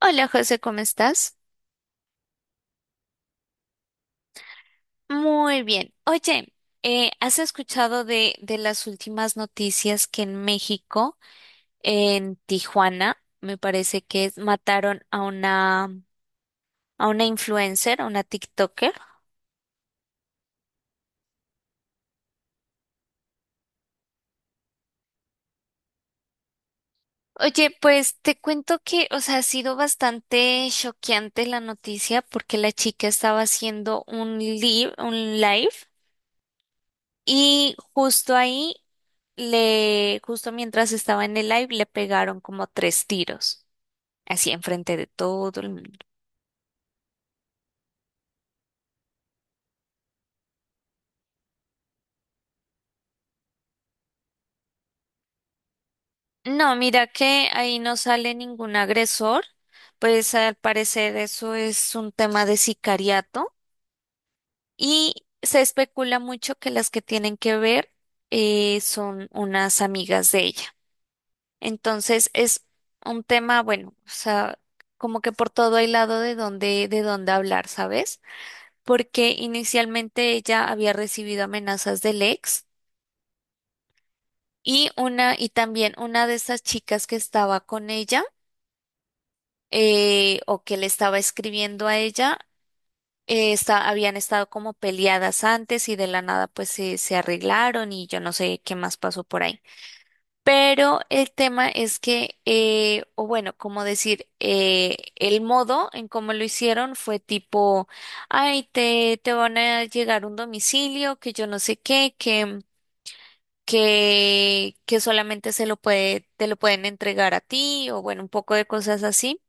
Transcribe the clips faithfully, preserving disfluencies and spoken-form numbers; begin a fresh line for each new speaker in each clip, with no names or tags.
Hola José, ¿cómo estás? Muy bien. Oye, eh, ¿has escuchado de, de las últimas noticias que en México, en Tijuana, me parece que es- mataron a una, a una influencer, a una TikToker? Oye, pues te cuento que, o sea, ha sido bastante choqueante la noticia porque la chica estaba haciendo un live, un live y justo ahí le, justo mientras estaba en el live, le pegaron como tres tiros, así enfrente de todo el mundo. No, mira que ahí no sale ningún agresor, pues al parecer eso es un tema de sicariato y se especula mucho que las que tienen que ver, eh, son unas amigas de ella. Entonces es un tema, bueno, o sea, como que por todo hay lado de donde, de donde hablar, ¿sabes? Porque inicialmente ella había recibido amenazas del ex. Y una, y también una de esas chicas que estaba con ella, eh, o que le estaba escribiendo a ella, eh, esta- habían estado como peleadas antes y de la nada pues se, se arreglaron y yo no sé qué más pasó por ahí. Pero el tema es que, eh, o bueno, como decir, eh, el modo en cómo lo hicieron fue tipo, ay, te, te van a llegar un domicilio, que yo no sé qué, que que, que solamente se lo puede, te lo pueden entregar a ti o bueno, un poco de cosas así,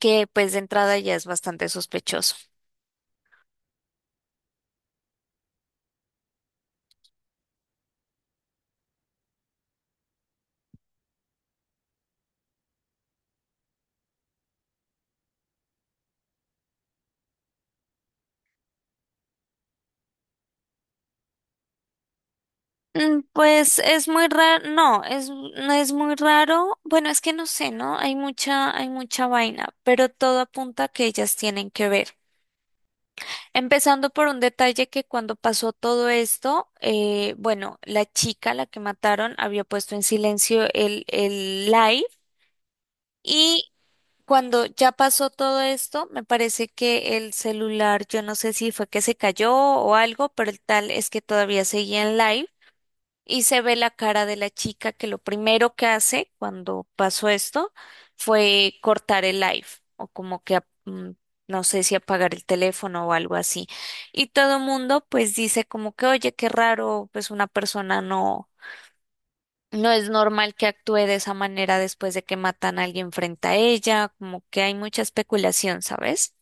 que pues de entrada ya es bastante sospechoso. Mm, pues es muy raro, no, es, no es muy raro, bueno, es que no sé, ¿no? Hay mucha, hay mucha vaina, pero todo apunta a que ellas tienen que ver. Empezando por un detalle que cuando pasó todo esto, eh, bueno, la chica, la que mataron, había puesto en silencio el, el live. y Cuando ya pasó todo esto, me parece que el celular, yo no sé si fue que se cayó o algo, pero el tal es que todavía seguía en live y se ve la cara de la chica que lo primero que hace cuando pasó esto fue cortar el live o como que ap- mm, no sé si apagar el teléfono o algo así. Y todo el mundo pues dice como que, oye, qué raro, pues una persona no. No es normal que actúe de esa manera después de que matan a alguien frente a ella, como que hay mucha especulación, ¿sabes?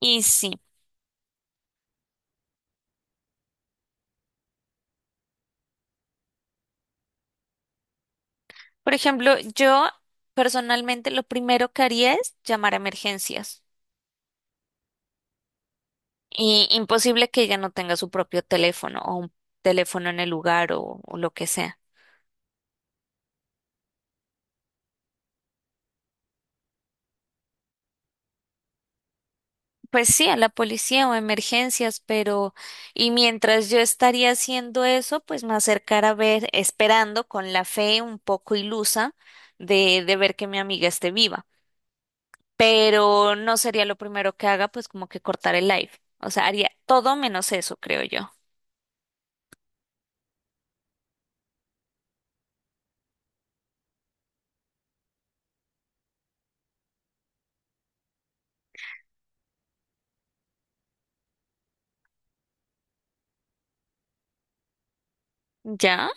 Y sí, por ejemplo, yo personalmente lo primero que haría es llamar a emergencias. Y imposible que ella no tenga su propio teléfono o un teléfono en el lugar o, o lo que sea. Pues sí, a la policía o a emergencias, pero y mientras yo estaría haciendo eso, pues me acercara a ver, esperando con la fe un poco ilusa de, de ver que mi amiga esté viva. Pero no sería lo primero que haga, pues como que cortar el live. O sea, haría todo menos eso, creo yo. ¿Ya?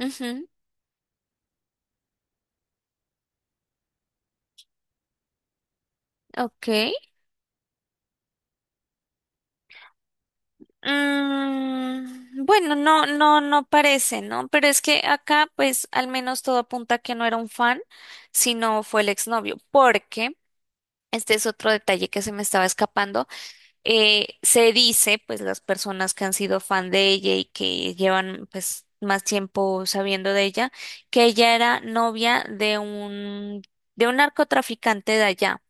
Ujú, ok. Mm, bueno, no, no, no parece, ¿no? Pero es que acá, pues, al menos todo apunta a que no era un fan, sino fue el exnovio, porque este es otro detalle que se me estaba escapando. Eh, se dice, pues las personas que han sido fan de ella y que llevan pues más tiempo sabiendo de ella, que ella era novia de un de un narcotraficante de allá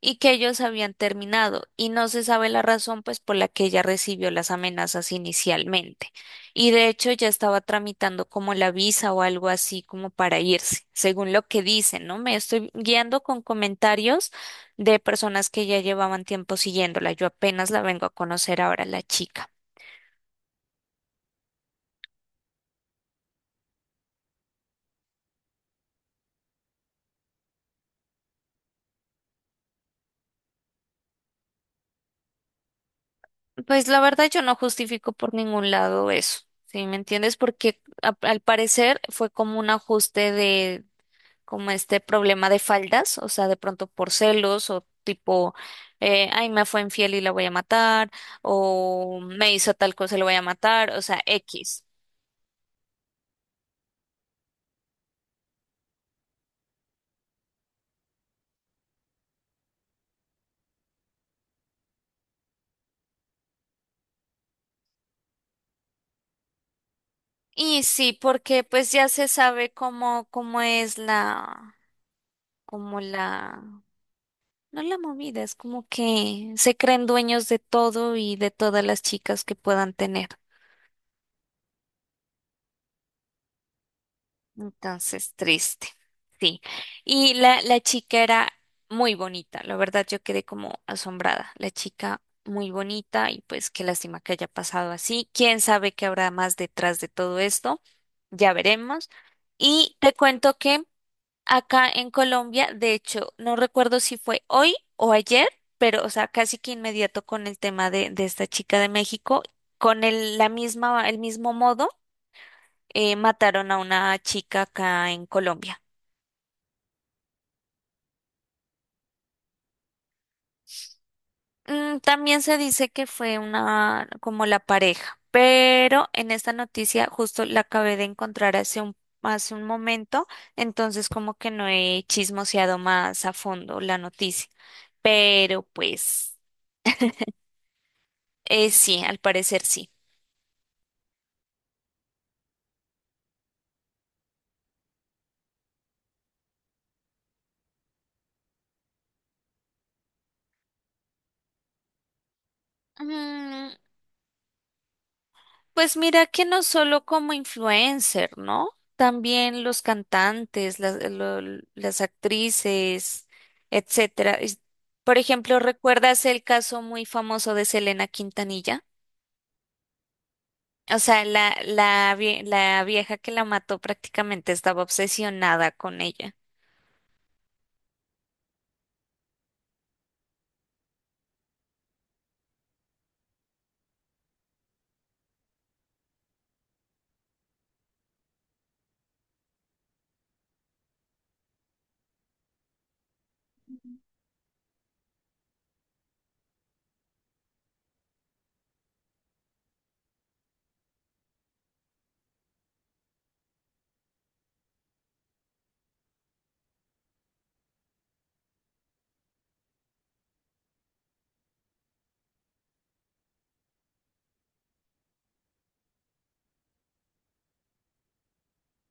y que ellos habían terminado y no se sabe la razón pues por la que ella recibió las amenazas inicialmente. Y de hecho ya estaba tramitando como la visa o algo así como para irse, según lo que dicen, ¿no? Me estoy guiando con comentarios de personas que ya llevaban tiempo siguiéndola. Yo apenas la vengo a conocer ahora la chica. Pues la verdad yo no justifico por ningún lado eso. ¿Sí me entiendes? Porque a- al parecer fue como un ajuste como este problema de faldas, o sea, de pronto por celos o tipo, eh, ay, me fue infiel y la voy a matar, o me hizo tal cosa y la voy a matar, o sea, X. Y sí, porque pues ya se sabe cómo, cómo es la, como la, no la movida, es como que se creen dueños de todo y de todas las chicas que puedan tener. Entonces, triste. Sí. Y la, la chica era muy bonita. La verdad, yo quedé como asombrada. La chica muy bonita y pues qué lástima que haya pasado así. ¿Quién sabe qué habrá más detrás de todo esto? Ya veremos. Y te cuento que acá en Colombia, de hecho, no recuerdo si fue hoy o ayer, pero o sea, casi que inmediato con el tema de, de esta chica de México, con el, la misma, el mismo modo, eh, mataron a una chica acá en Colombia. Mm, también se dice que fue una como la pareja, pero en esta noticia justo la acabé de encontrar hace un hace un momento, entonces como que no he chismoseado más a fondo la noticia, pero pues eh, sí, al parecer sí. Mm, pues mira que no solo como influencer, ¿no? También los cantantes, las, lo- las actrices, etcétera. Es- Por ejemplo, ¿recuerdas el caso muy famoso de Selena Quintanilla? O sea, la, la, vie- la vieja que la mató prácticamente estaba obsesionada con ella.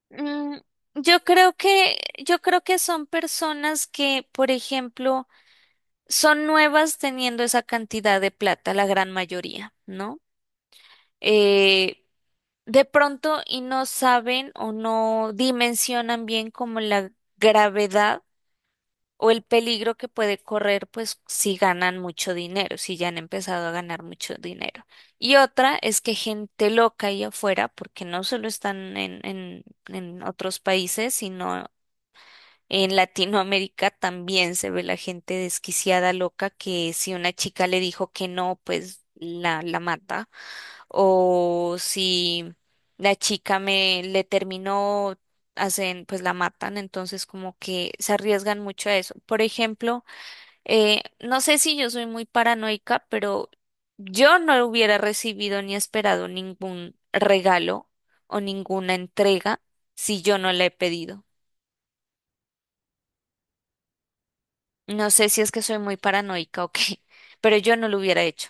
Mm, yo creo que, yo creo que son personas que, por ejemplo, son nuevas teniendo esa cantidad de plata, la gran mayoría, ¿no? eh, de pronto y no saben o no dimensionan bien como la gravedad o el peligro que puede correr, pues si ganan mucho dinero, si ya han empezado a ganar mucho dinero. Y otra es que gente loca ahí afuera, porque no solo están en, en, en otros países, sino en Latinoamérica también se ve la gente desquiciada, loca, que si una chica le dijo que no, pues la, la mata. O si la chica me le terminó, hacen, pues la matan. Entonces como que se arriesgan mucho a eso. Por ejemplo, eh, no sé si yo soy muy paranoica, pero yo no hubiera recibido ni esperado ningún regalo o ninguna entrega si yo no la he pedido. No sé si es que soy muy paranoica o qué, pero yo no lo hubiera hecho.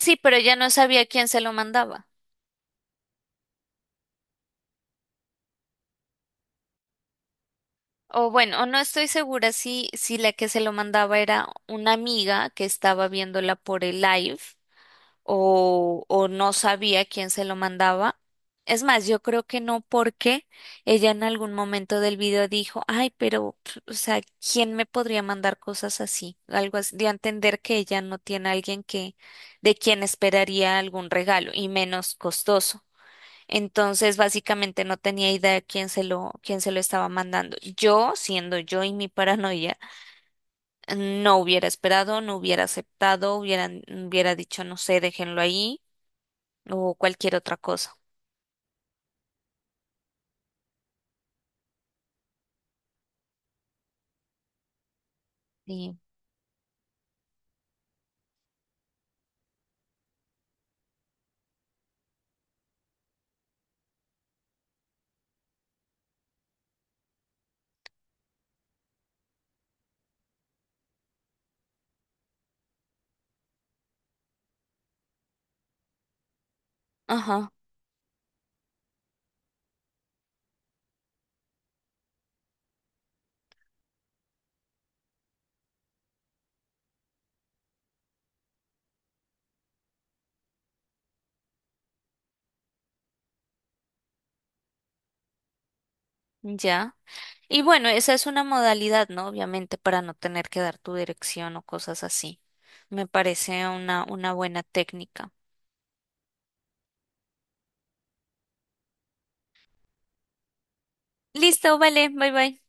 Sí, pero ya no sabía quién se lo mandaba. O bueno, o no estoy segura si, si la que se lo mandaba era una amiga que estaba viéndola por el live o, o no sabía quién se lo mandaba. Es más, yo creo que no porque ella en algún momento del video dijo, ay, pero, pf, o sea, ¿quién me podría mandar cosas así? Algo así, de entender que ella no tiene a alguien que, de quien esperaría algún regalo y menos costoso. Entonces, básicamente no tenía idea de quién se lo, quién se lo estaba mandando. Yo, siendo yo y mi paranoia, no hubiera esperado, no hubiera aceptado, hubiera, hubiera dicho, no sé, déjenlo ahí o cualquier otra cosa. Sí, ajá, ya. Y bueno, esa es una modalidad, ¿no? Obviamente para no tener que dar tu dirección o cosas así. Me parece una, una buena técnica. Listo, vale, bye bye.